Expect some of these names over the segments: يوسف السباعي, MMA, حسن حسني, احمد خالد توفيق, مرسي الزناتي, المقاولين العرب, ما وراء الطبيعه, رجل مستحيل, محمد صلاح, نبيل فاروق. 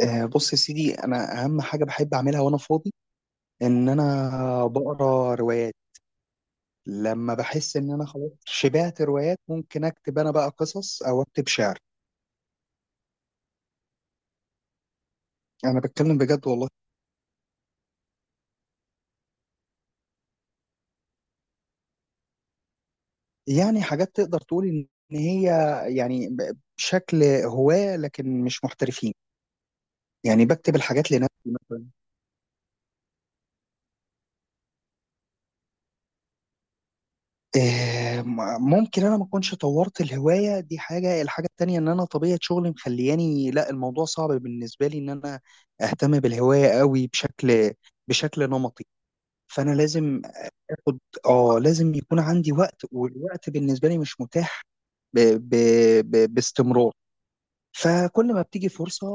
بص يا سيدي، انا اهم حاجه بحب اعملها وانا فاضي، ان انا بقرا روايات. لما بحس ان انا خلاص شبعت روايات، ممكن اكتب انا بقى قصص او اكتب شعر. انا بتكلم بجد والله. يعني حاجات تقدر تقول ان هي، يعني بشكل هواة لكن مش محترفين. يعني بكتب الحاجات لنفسي. ممكن انا ما اكونش طورت الهوايه دي حاجه. الحاجه التانيه ان انا طبيعه شغلي مخلياني، لا الموضوع صعب بالنسبه لي ان انا اهتم بالهوايه قوي بشكل نمطي. فانا لازم اخد. اه، لازم يكون عندي وقت، والوقت بالنسبه لي مش متاح ب... ب... باستمرار. فكل ما بتيجي فرصه،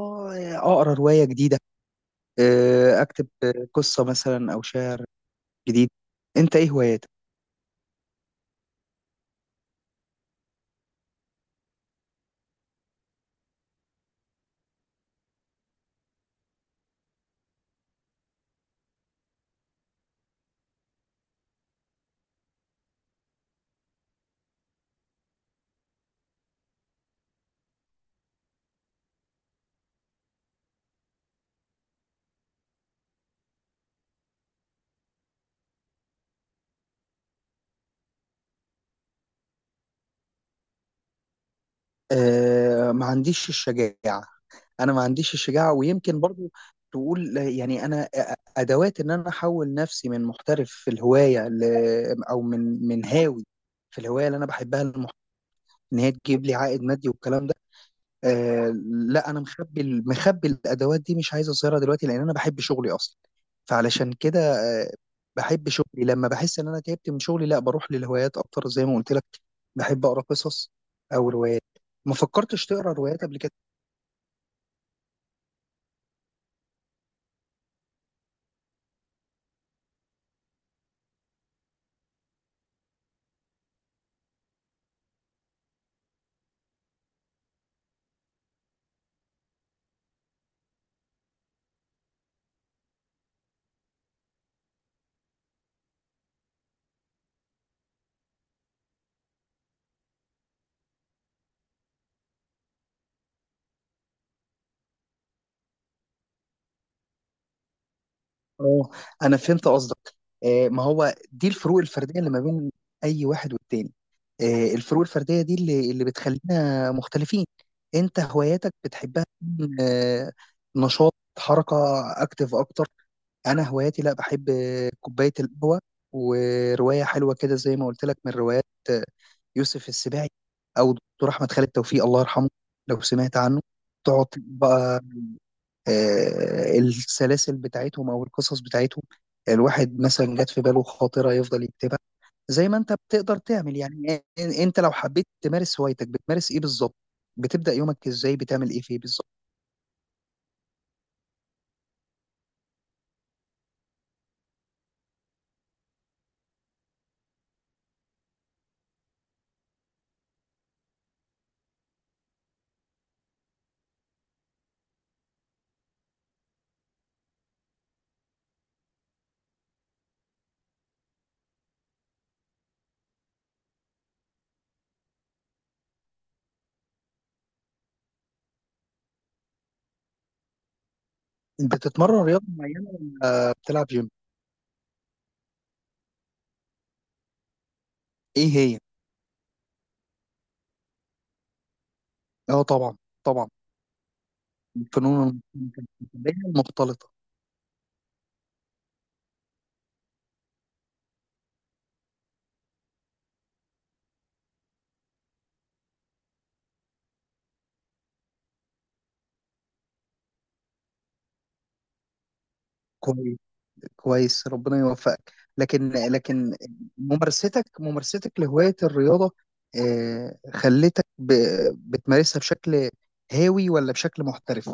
اقرا روايه جديده، اكتب قصه مثلا او شعر جديد. انت ايه هواياتك؟ ما عنديش الشجاعة. أنا ما عنديش الشجاعة، ويمكن برضو تقول يعني أنا أدوات إن أنا أحول نفسي من محترف في الهواية ل... أو من هاوي في الهواية اللي أنا بحبها، المح... إن هي تجيب لي عائد مادي والكلام ده. لا، انا مخبي الادوات دي، مش عايز اظهرها دلوقتي لان انا بحب شغلي اصلا. فعلشان كده. آه بحب شغلي. لما بحس ان انا تعبت من شغلي، لا بروح للهوايات اكتر زي ما قلت لك. بحب اقرا قصص او روايات. ما فكرتش تقرا روايات قبل كده؟ اه، انا فهمت قصدك. ما هو دي الفروق الفرديه اللي ما بين اي واحد والتاني. الفروق الفرديه دي اللي بتخلينا مختلفين. انت هواياتك بتحبها تكون، نشاط، حركه، اكتف اكتر. انا هواياتي، لا، بحب كوبايه القهوه وروايه حلوه كده زي ما قلت لك، من روايات يوسف السباعي او دكتور احمد خالد توفيق الله يرحمه، لو سمعت عنه. تقعد بقى السلاسل بتاعتهم او القصص بتاعتهم. الواحد مثلا جات في باله خاطره يفضل يكتبها زي ما انت بتقدر تعمل. يعني انت لو حبيت تمارس هوايتك، بتمارس ايه بالظبط؟ بتبدا يومك ازاي؟ بتعمل ايه فيه بالظبط؟ بتتمرن رياضه معينه ولا بتلعب جيم؟ ايه هي؟ اه، طبعا، طبعا. فنون المقتبلة المختلطه. كويس. كويس، ربنا يوفقك، لكن ممارستك لهواية الرياضة، خلتك بتمارسها بشكل هاوي ولا بشكل محترف؟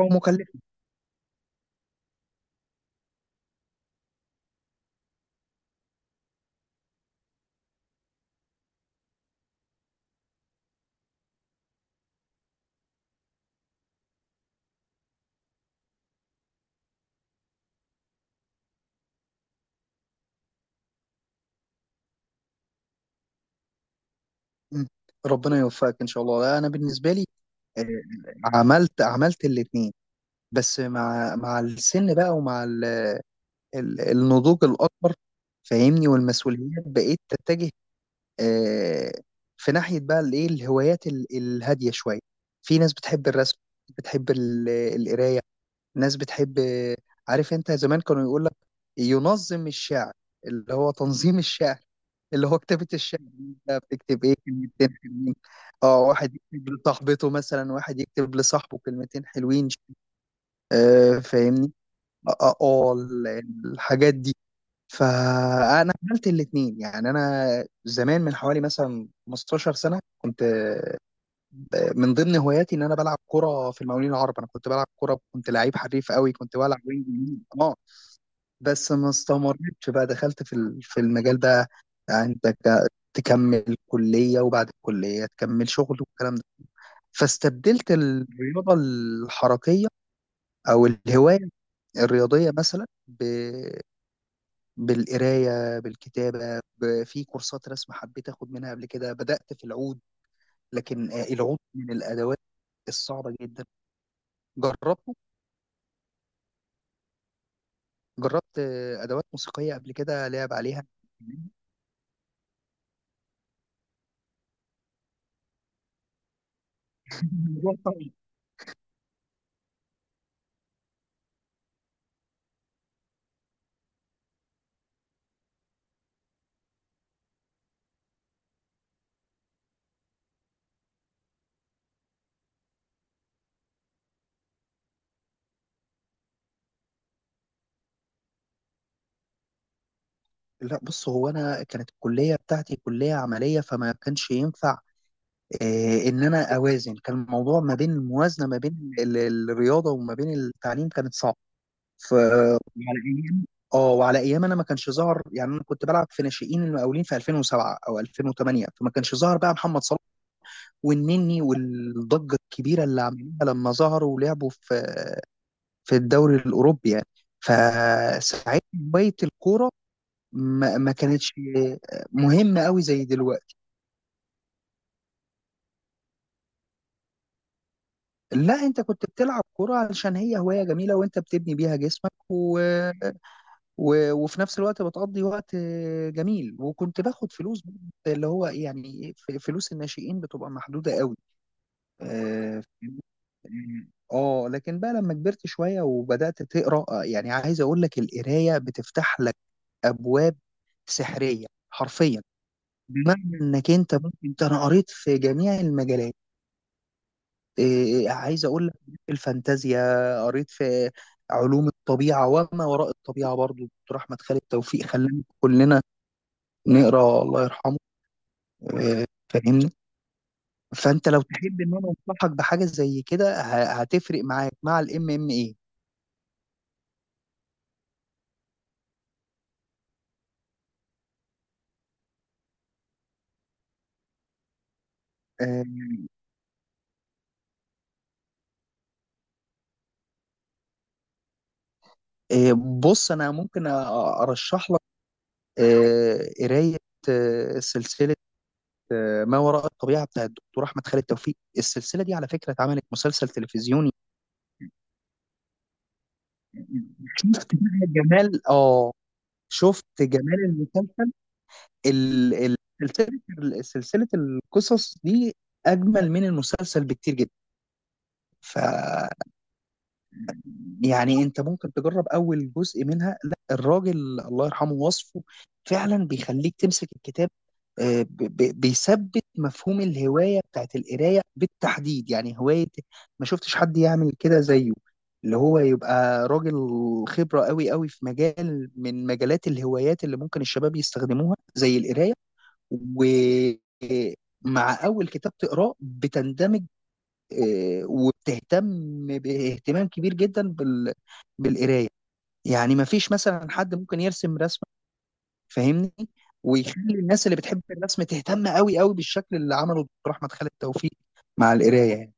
أو مكلف؟ مم. ربنا يوفقك إن شاء الله. أنا بالنسبة لي آه، عملت الاتنين، بس مع السن بقى ومع النضوج الأكبر، فاهمني، والمسؤوليات بقيت تتجه آه، في ناحية بقى، الايه، الهوايات الهادية شوية. في ناس بتحب الرسم، بتحب القراية، ناس بتحب، عارف انت زمان كانوا يقول لك ينظم الشعر، اللي هو تنظيم الشعر، اللي هو كتابة الشعر. انت بتكتب ايه؟ كلمتين حلوين. اه، واحد يكتب لصاحبته مثلا، واحد يكتب لصاحبه كلمتين حلوين. فاهمني، اه، الحاجات دي. فانا عملت الاثنين، يعني انا زمان من حوالي مثلا 15 سنه، كنت من ضمن هواياتي ان انا بلعب كره في المقاولين العرب. انا كنت بلعب كره، كنت لعيب حريف قوي، كنت بلعب وينج يمين. اه، بس ما استمرتش بقى، دخلت في المجال ده. يعني انت تكمل كليه، وبعد الكليه تكمل شغل والكلام ده. فاستبدلت الرياضه الحركيه او الهوايه الرياضيه مثلا، بالقراية، بالكتابة، في كورسات رسم حبيت أخد منها قبل كده، بدأت في العود. لكن العود من الأدوات الصعبة جدا. جربته. جربت أدوات موسيقية قبل كده لعب عليها. الموضوع صعب. لا، بص هو أنا كانت الكلية بتاعتي كلية عملية فما كانش ينفع إن أنا أوازن. كان الموضوع ما بين الموازنة ما بين الرياضة وما بين التعليم، كانت صعبة. وعلى ايام، اه، وعلى ايام انا ما كانش ظهر، يعني انا كنت بلعب في ناشئين المقاولين في 2007 او 2008، فما كانش ظهر بقى محمد صلاح والنني والضجه الكبيره اللي عملوها لما ظهروا ولعبوا في الدوري الاوروبي يعني. فساعتها هوايه الكوره ما كانتش مهمه قوي زي دلوقتي. لا، انت كنت بتلعب كوره علشان هي هوايه جميله، وانت بتبني بيها جسمك و وفي نفس الوقت بتقضي وقت جميل، وكنت باخد فلوس اللي هو يعني فلوس الناشئين بتبقى محدودة قوي. اه، لكن بقى لما كبرت شوية وبدأت تقرأ، يعني عايز اقول لك، القراية بتفتح لك ابواب سحرية حرفيا، بمعنى انك انت ممكن، انت انا قريت في جميع المجالات. إيه عايز اقول لك، الفانتازيا، قريت في علوم الطبيعه وما وراء الطبيعه. برضو دكتور احمد خالد توفيق خلانا كلنا نقرا، الله يرحمه. آه، فاهمني. فانت لو تحب ان انا انصحك بحاجه زي كده، هتفرق معاك مع الام ام ايه. بص انا ممكن ارشح لك قرايه، سلسله، ما وراء الطبيعه بتاع الدكتور احمد خالد توفيق. السلسله دي على فكره اتعملت مسلسل تلفزيوني. شفت بقى جمال؟ اه، شفت جمال المسلسل. ال- ال- سلسله القصص دي اجمل من المسلسل بكتير جدا. ف يعني انت ممكن تجرب اول جزء منها. لا، الراجل الله يرحمه وصفه فعلا بيخليك تمسك الكتاب. بيثبت مفهوم الهوايه بتاعت القرايه بالتحديد، يعني هوايه ما شفتش حد يعمل كده زيه، اللي هو يبقى راجل خبره قوي قوي في مجال من مجالات الهوايات اللي ممكن الشباب يستخدموها زي القرايه. و مع اول كتاب تقراه بتندمج، إيه، وبتهتم باهتمام كبير جدا بالقرايه. يعني ما فيش مثلا حد ممكن يرسم رسمه، فاهمني، ويخلي الناس اللي بتحب الرسم تهتم قوي قوي بالشكل اللي عمله دكتور احمد خالد توفيق مع القرايه يعني.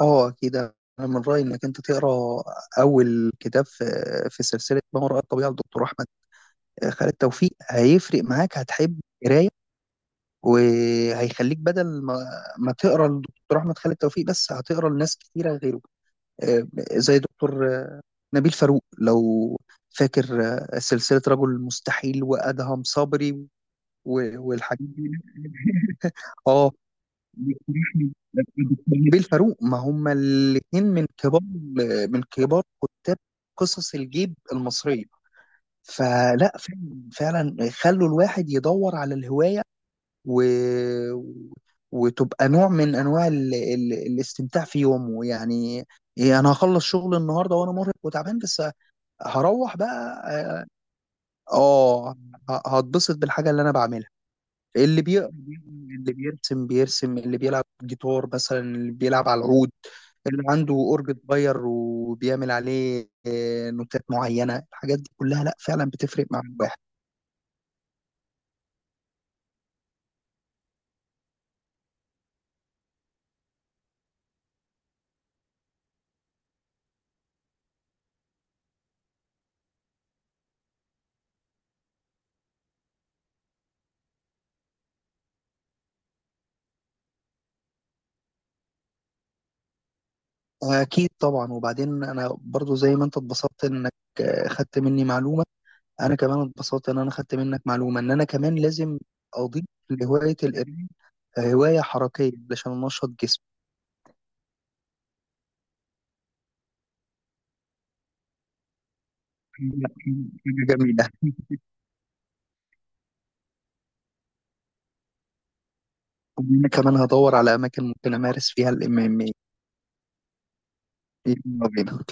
اه، كده انا من رايي انك انت تقرا اول كتاب في سلسله ما وراء الطبيعه لدكتور احمد خالد توفيق، هيفرق معاك، هتحب القرايه، وهيخليك بدل ما تقرا لدكتور احمد خالد توفيق بس، هتقرا لناس كتيره غيره، زي دكتور نبيل فاروق، لو فاكر، سلسلة رجل مستحيل وأدهم صبري والحاجات دي. اه، نبيل فاروق، ما هما الاثنين من كبار كتاب قصص الجيب المصرية. فلا، فعلا فعلا خلوا الواحد يدور على الهواية، و... وتبقى نوع من انواع الاستمتاع في يومه يعني. إيه، انا هخلص شغل النهارده وانا مرهق وتعبان بس هروح بقى. اه، آه، هتبسط بالحاجه اللي انا بعملها. اللي بيقرا بيقرا، اللي بيرسم بيرسم، اللي بيلعب جيتار مثلا، اللي بيلعب على العود، اللي عنده اورج صغير وبيعمل عليه نوتات معينه، الحاجات دي كلها لا فعلا بتفرق مع الواحد. اكيد طبعا. وبعدين انا برضو زي ما انت اتبسطت انك خدت مني معلومه، انا كمان اتبسطت ان انا خدت منك معلومه، ان انا كمان لازم اضيف لهوايه القرايه هوايه حركيه علشان انشط جسمي. حاجة حاجة جميلة. وأنا كمان هدور على أماكن ممكن أمارس فيها ال MMA. يلا بينا.